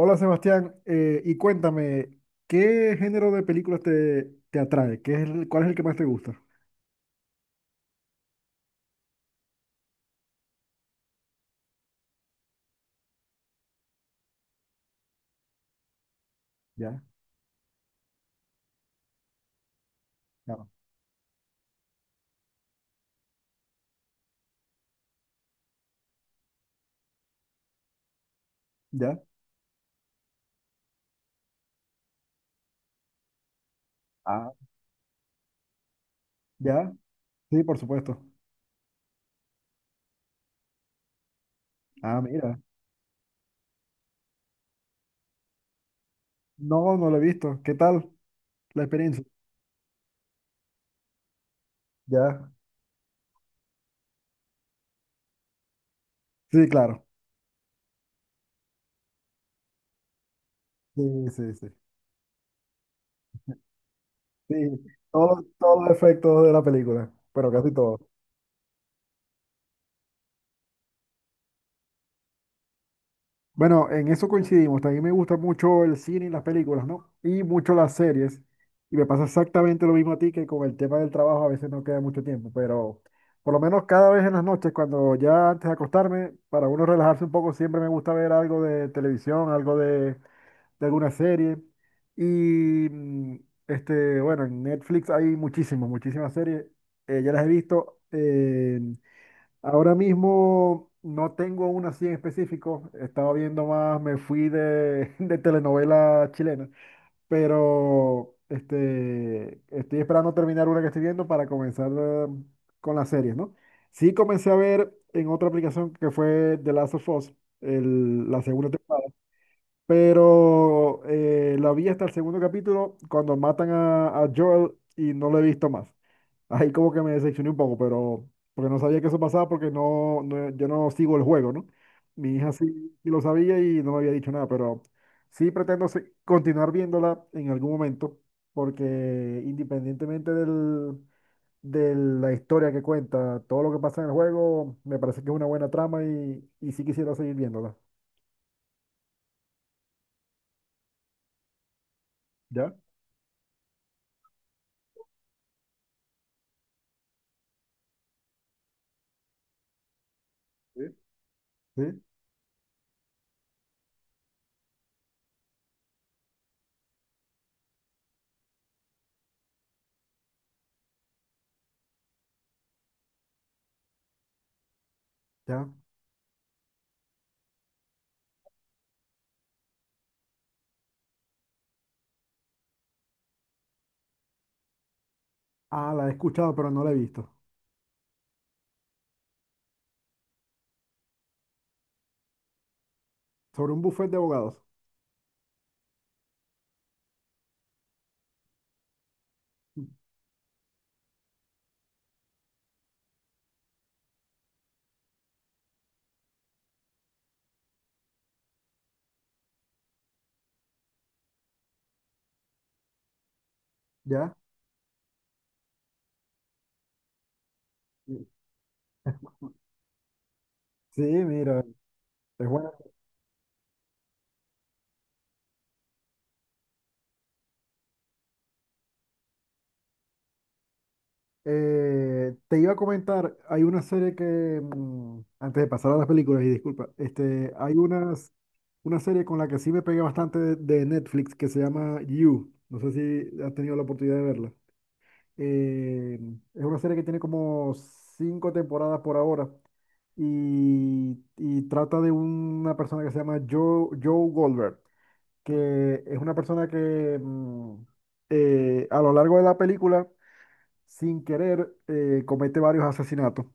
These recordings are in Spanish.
Hola Sebastián, y cuéntame, ¿qué género de películas te atrae? ¿Cuál es el que más te gusta? Ya, claro. Ya, ah, ya, sí, por supuesto. Ah, mira. No, no lo he visto. ¿Qué tal la experiencia? Ya, sí, claro. Sí, sí, sí. Sí, todos los efectos de la película, pero casi todos. Bueno, en eso coincidimos. También me gusta mucho el cine y las películas, ¿no? Y mucho las series. Y me pasa exactamente lo mismo a ti que con el tema del trabajo a veces no queda mucho tiempo, pero por lo menos cada vez en las noches, cuando ya antes de acostarme, para uno relajarse un poco, siempre me gusta ver algo de televisión, algo de alguna serie. Y bueno, en Netflix hay muchísimas, muchísimas series. Ya las he visto. Ahora mismo no tengo una así en específico. Estaba viendo más, me fui de telenovela chilena. Pero este, estoy esperando terminar una que estoy viendo para comenzar con las series, ¿no? Sí comencé a ver en otra aplicación que fue The Last of Us, la segunda temporada. Pero la vi hasta el segundo capítulo cuando matan a Joel y no lo he visto más, ahí como que me decepcioné un poco, pero porque no sabía que eso pasaba porque yo no sigo el juego, ¿no? Mi hija sí, sí lo sabía y no me había dicho nada, pero sí pretendo continuar viéndola en algún momento, porque independientemente de la historia que cuenta, todo lo que pasa en el juego, me parece que es una buena trama y sí quisiera seguir viéndola. ¿Ya? Sí. Sí, ya. Ah, la he escuchado, pero no la he visto. Sobre un buffet de abogados. ¿Ya? Sí, sí, mira, es buena. Te iba a comentar, hay una serie que, antes de pasar a las películas, y disculpa, este, una serie con la que sí me pegué bastante de Netflix que se llama You. No sé si has tenido la oportunidad de verla. Eh, es una serie que tiene como cinco temporadas por ahora y trata de una persona que se llama Joe, Joe Goldberg, que es una persona que a lo largo de la película, sin querer, comete varios asesinatos.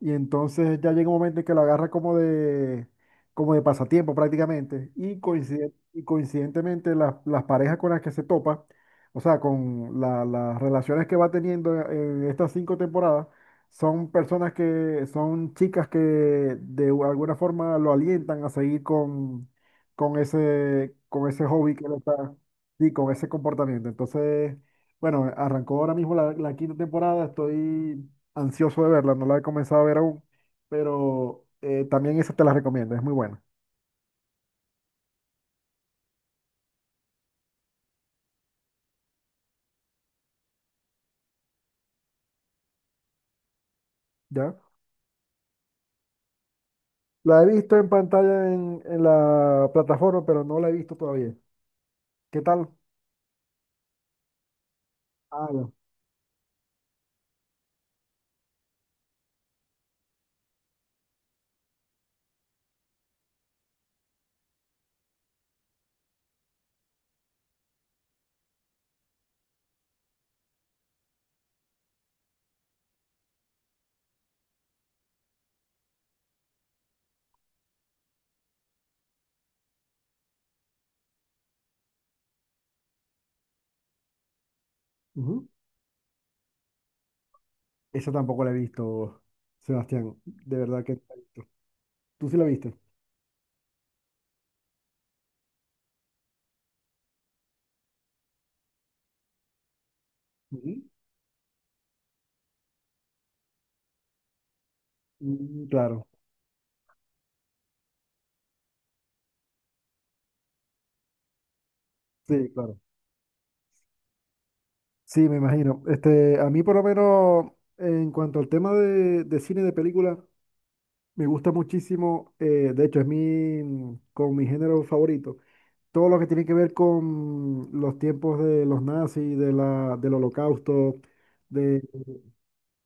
Y entonces ya llega un momento en que lo agarra como como de pasatiempo prácticamente. Y, y coincidentemente las parejas con las que se topa, o sea, con las relaciones que va teniendo en estas cinco temporadas, son personas que son chicas que de alguna forma lo alientan a seguir con ese hobby que él está, y con ese comportamiento. Entonces, bueno, arrancó ahora mismo la quinta temporada, estoy ansioso de verla, no la he comenzado a ver aún, pero también esa te la recomiendo, es muy buena, ¿ya? La he visto en pantalla en la plataforma, pero no la he visto todavía. ¿Qué tal? Ah, ya. Ujú. Esa tampoco la he visto, Sebastián, de verdad que no la he visto. ¿Tú sí la viste? Ujú. Mm, claro, sí, claro. Sí, me imagino. Este, a mí por lo menos, en cuanto al tema de cine de película, me gusta muchísimo, de hecho es como mi género favorito, todo lo que tiene que ver con los tiempos de los nazis, de del holocausto, de,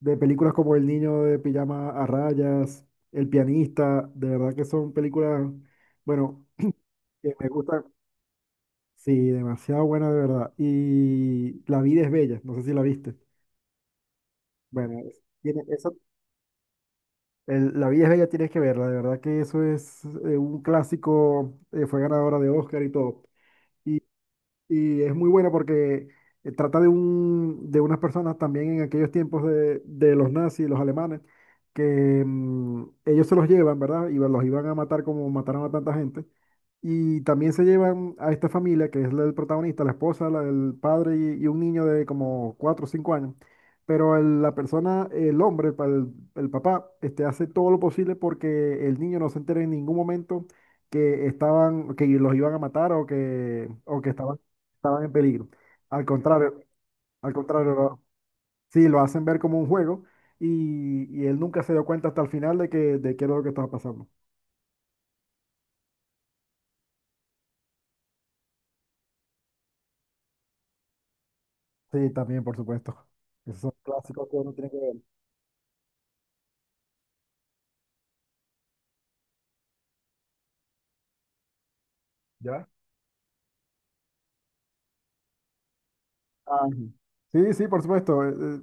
de películas como El Niño de pijama a Rayas, El Pianista, de verdad que son películas, bueno, que me gustan, sí, demasiado buenas de verdad. Y La Vida Es Bella, no sé si la viste. Bueno, tiene esa, La Vida Es Bella tienes que verla, de verdad que eso es un clásico, fue ganadora de Oscar y todo. Y es muy buena porque trata de unas personas también en aquellos tiempos de los nazis, los alemanes, que ellos se los llevan, ¿verdad? Y los iban a matar como mataron a tanta gente. Y también se llevan a esta familia, que es la del protagonista, la esposa, la del padre y un niño de como 4 o 5 años. Pero la persona, el hombre, el papá, este, hace todo lo posible porque el niño no se entere en ningún momento que estaban, que los iban a matar o que estaban en peligro. Al contrario, al contrario, sí, lo hacen ver como un juego y él nunca se dio cuenta hasta el final de qué era lo que estaba pasando. Sí, también, por supuesto. Esos son clásicos que uno tiene que ver. ¿Ya? Ah, sí, sí, por supuesto.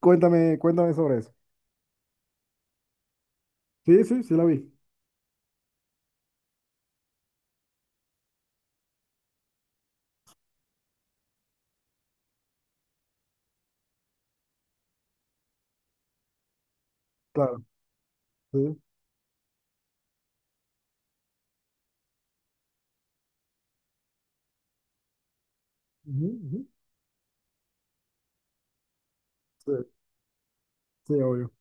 Cuéntame, cuéntame sobre eso. Sí, sí, sí la vi. Claro. Sí. Ujú, ujú. Sí, sí, obvio.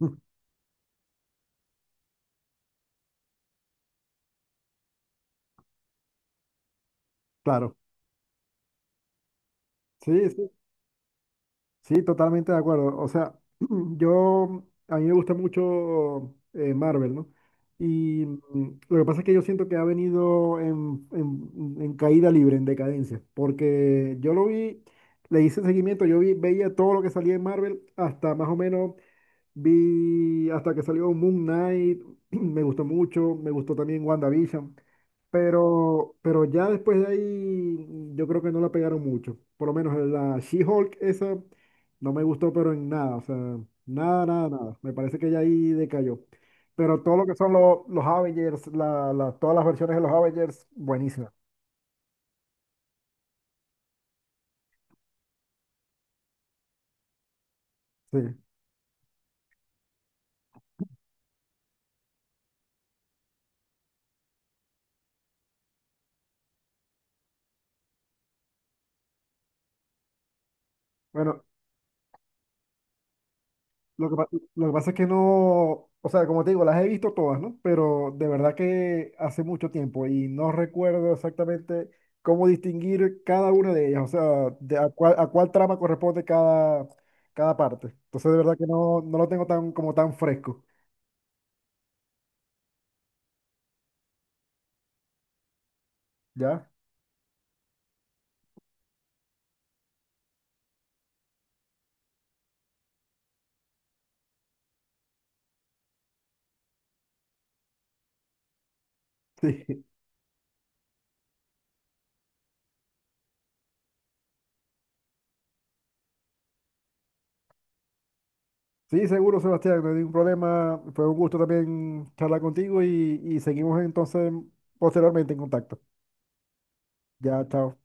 Claro. Sí, sí. Sí, totalmente de acuerdo. O sea, yo, a mí me gusta mucho Marvel, ¿no? Y lo que pasa es que yo siento que ha venido en caída libre, en decadencia, porque yo lo vi, le hice seguimiento, yo vi, veía todo lo que salía en Marvel hasta más o menos. Vi hasta que salió Moon Knight, me gustó mucho, me gustó también WandaVision, pero ya después de ahí yo creo que no la pegaron mucho. Por lo menos la She-Hulk esa no me gustó, pero en nada, o sea, nada, nada, nada. Me parece que ya ahí decayó. Pero todo lo que son los Avengers, todas las versiones de los Avengers, buenísimas. Sí. Bueno, Lo que, pa- lo que pasa es que no, o sea, como te digo, las he visto todas, ¿no? Pero de verdad que hace mucho tiempo y no recuerdo exactamente cómo distinguir cada una de ellas, o sea, a cuál trama corresponde cada parte. Entonces, de verdad que no, no lo tengo tan, como tan fresco, ¿ya? Sí, sí, seguro, Sebastián, no hay ningún problema. Fue un gusto también charlar contigo y seguimos entonces posteriormente en contacto. Ya, chao.